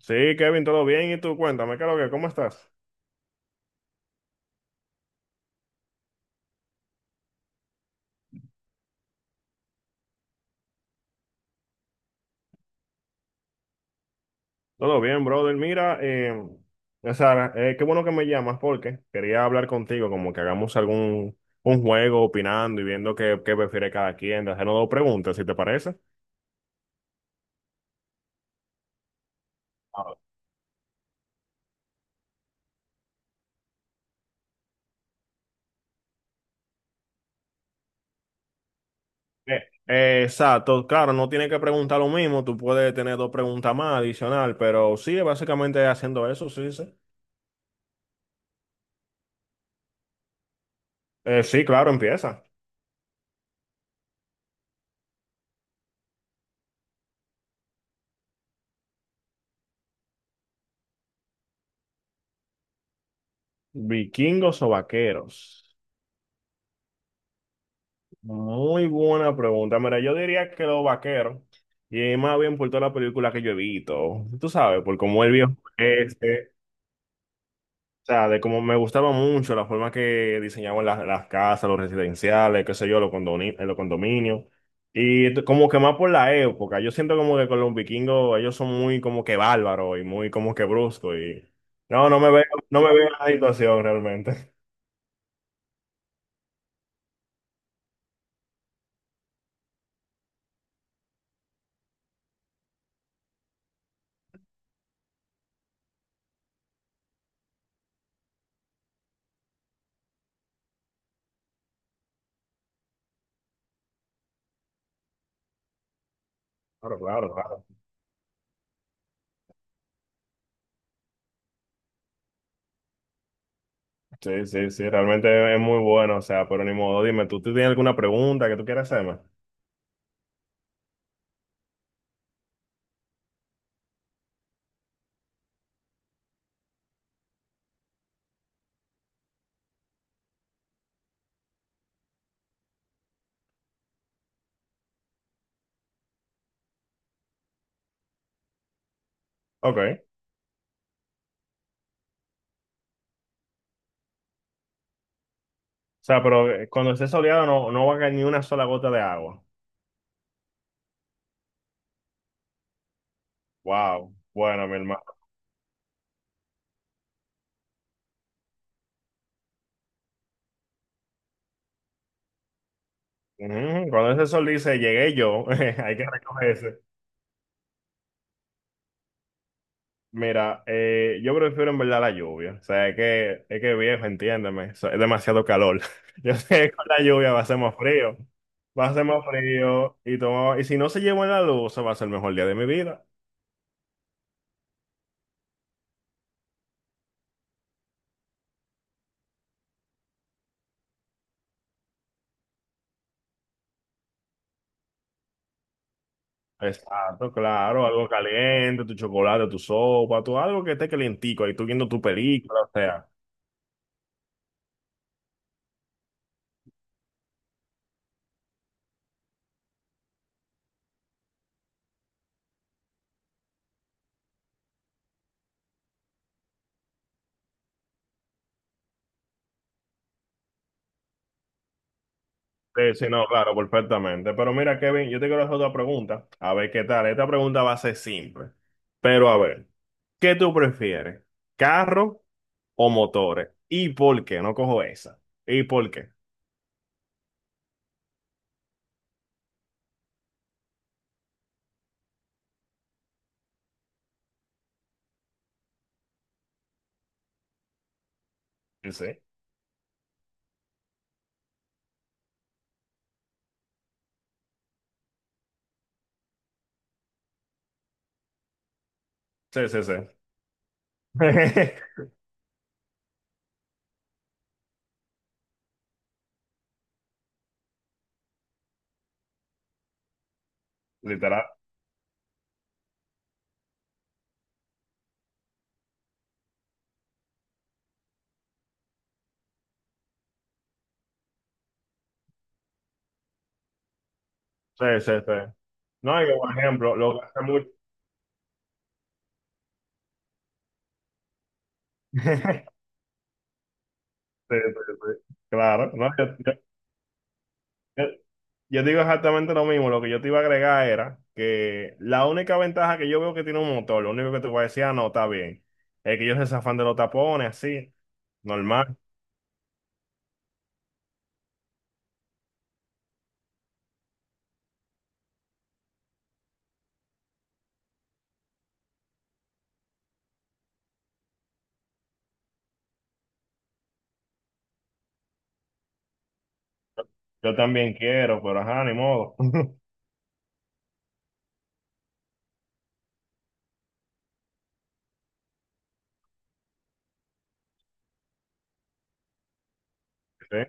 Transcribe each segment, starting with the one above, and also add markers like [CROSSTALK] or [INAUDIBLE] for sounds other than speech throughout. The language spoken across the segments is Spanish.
Sí, Kevin, todo bien. ¿Y tú? Cuéntame, ¿qué es lo que, ¿cómo estás? Todo bien, brother. Mira, Sara, qué bueno que me llamas porque quería hablar contigo, como que hagamos algún un juego opinando y viendo qué prefiere cada quien, de hacernos dos preguntas, si te parece. Ah, exacto, claro, no tienes que preguntar lo mismo, tú puedes tener dos preguntas más adicional, pero sí, básicamente haciendo eso, sí, sí. Sí, claro, empieza. ¿Vikingos o vaqueros? Muy buena pregunta. Mira, yo diría que los vaqueros, y más bien por toda la película que yo he visto, tú sabes, por cómo el viejo este, o sea, de cómo me gustaba mucho la forma que diseñaban las casas, los residenciales, qué sé yo, los condominios, y como que más por la época, yo siento como que con los vikingos ellos son muy como que bárbaros y muy como que bruscos, y no me veo, no me veo en la situación realmente. [LAUGHS] Claro, claro, claro. Sí, sí, sí, realmente es muy bueno, o sea, pero ni modo, dime, ¿tú tienes alguna pregunta que tú quieras hacerme? Ok, o sea, pero cuando esté soleado no va a caer ni una sola gota de agua. Wow, bueno, mi hermano. Ujú. Cuando ese sol dice, llegué yo, [LAUGHS] hay que recogerse. Mira, yo prefiero en verdad la lluvia, o sea, es que viejo, entiéndeme, o sea, es demasiado calor. [LAUGHS] Yo sé que con la lluvia va a ser más frío, va a ser más frío, y, y si no se lleva la luz, se va a ser el mejor día de mi vida. Exacto, claro, algo caliente, tu chocolate, tu sopa, tu, algo que esté calientico, ahí tú viendo tu película, o sea. Sí, sí, no, claro, perfectamente. Pero mira, Kevin, yo te quiero hacer otra pregunta, a ver qué tal. Esta pregunta va a ser simple, pero a ver, ¿qué tú prefieres? ¿Carro o motores? ¿Y por qué? No cojo esa. ¿Y por qué? Sí, sí, sí, sí. [LAUGHS] Literal. Sí, sí, sí. No, y por ejemplo, lo que hace mucho. [LAUGHS] Sí, sí, sí. Claro, no, yo- yo digo exactamente lo mismo, lo que yo te iba a agregar era que la única ventaja que yo veo que tiene un motor, lo único que te voy a decir, ah, no, está bien, es que ellos se zafan de los tapones, así, normal. Yo también quiero, pero ajá, ni modo. [LAUGHS] Sí.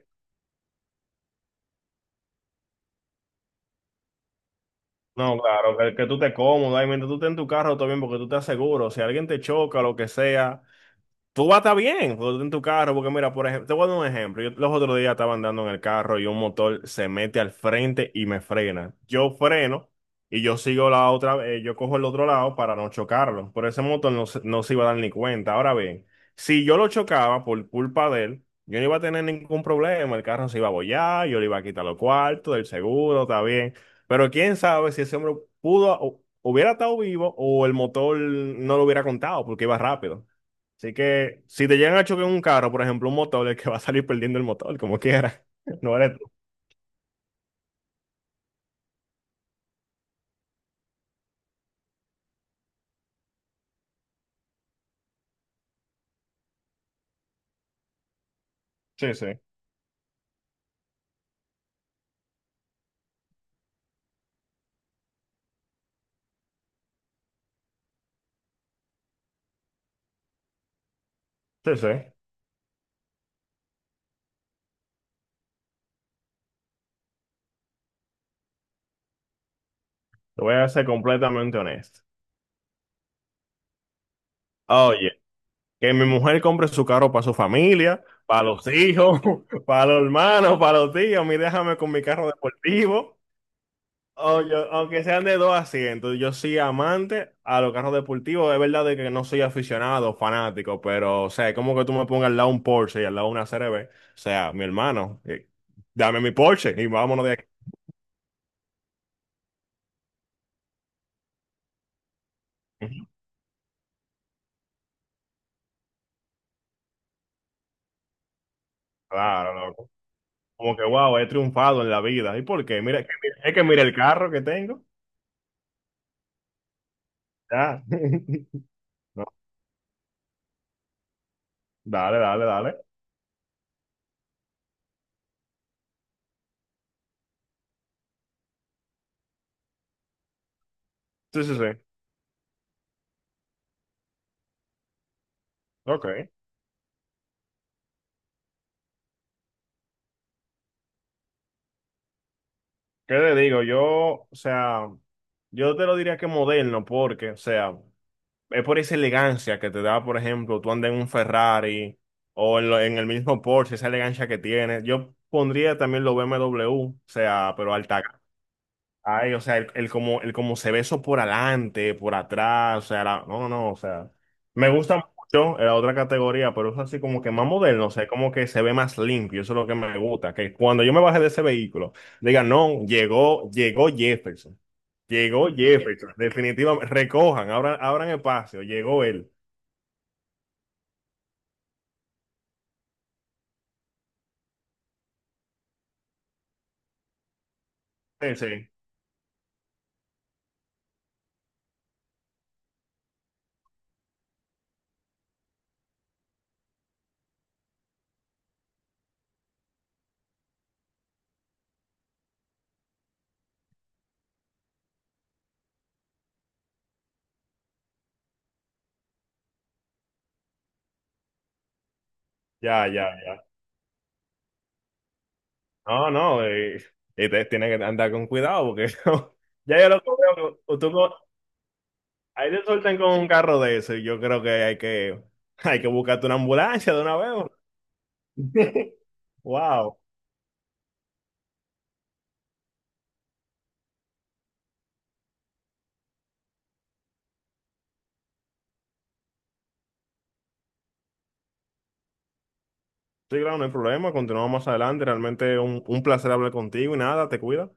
No, claro, que tú te cómodo, ahí mientras tú estés en tu carro, todo bien, porque tú estás seguro. Si alguien te choca, lo que sea, tú vas a estar bien cuando tú en tu carro, porque mira, por ejemplo, te voy a dar un ejemplo. Yo los otros días estaba andando en el carro y un motor se mete al frente y me frena. Yo freno y yo sigo yo cojo el otro lado para no chocarlo. Pero ese motor no, no se iba a dar ni cuenta. Ahora bien, si yo lo chocaba por culpa de él, yo no iba a tener ningún problema. El carro se iba a bollar, yo le iba a quitar los cuartos, del seguro, está bien. Pero quién sabe si ese hombre hubiera estado vivo o el motor no lo hubiera contado porque iba rápido. Así que si te llegan a chocar un carro, por ejemplo, un motor, el que va a salir perdiendo el motor, como quiera. [LAUGHS] No eres tú. Sí, sí. Sí, sí. Te voy a ser completamente honesto. Oye, que mi mujer compre su carro para su familia, para los hijos, [LAUGHS] para los hermanos, para los tíos. A mí déjame con mi carro deportivo. Aunque sean de dos asientos, yo soy amante a los carros deportivos. Es verdad de que no soy aficionado, fanático, pero, o sea, es como que tú me pongas al lado un Porsche y al lado una CRB. O sea, mi hermano, dame mi Porsche y vámonos de aquí. Claro, loco. Como que, wow, he triunfado en la vida. ¿Y por qué? Mira, mira es que mira el carro que tengo. Ya. [LAUGHS] No, dale, dale, dale. Sí, sí, sí. Ok. ¿Qué te digo? Yo, o sea, yo te lo diría que moderno, porque, o sea, es por esa elegancia que te da, por ejemplo, tú andas en un Ferrari en el mismo Porsche, esa elegancia que tiene. Yo pondría también los BMW, o sea, pero alta ay, o sea, el como se ve eso por adelante, por atrás, o sea, no, no, o sea, me gusta mucho la otra categoría, pero es así como que más moderno, o sea, como que se ve más limpio, eso es lo que me gusta, que cuando yo me baje de ese vehículo, digan, no, llegó, llegó Jefferson, definitivamente, recojan, abran, abran espacio, llegó él, sí, sí, ya, ya, ya, no, no, y ustedes tienen que andar con cuidado, porque [LAUGHS] ya yo lo veo. Ahí te sueltan con un carro de eso. Yo creo que hay que buscarte una ambulancia de una vez. [LAUGHS] Wow. Sí, claro, no hay problema. Continuamos más adelante. Realmente un placer hablar contigo y nada, te cuida.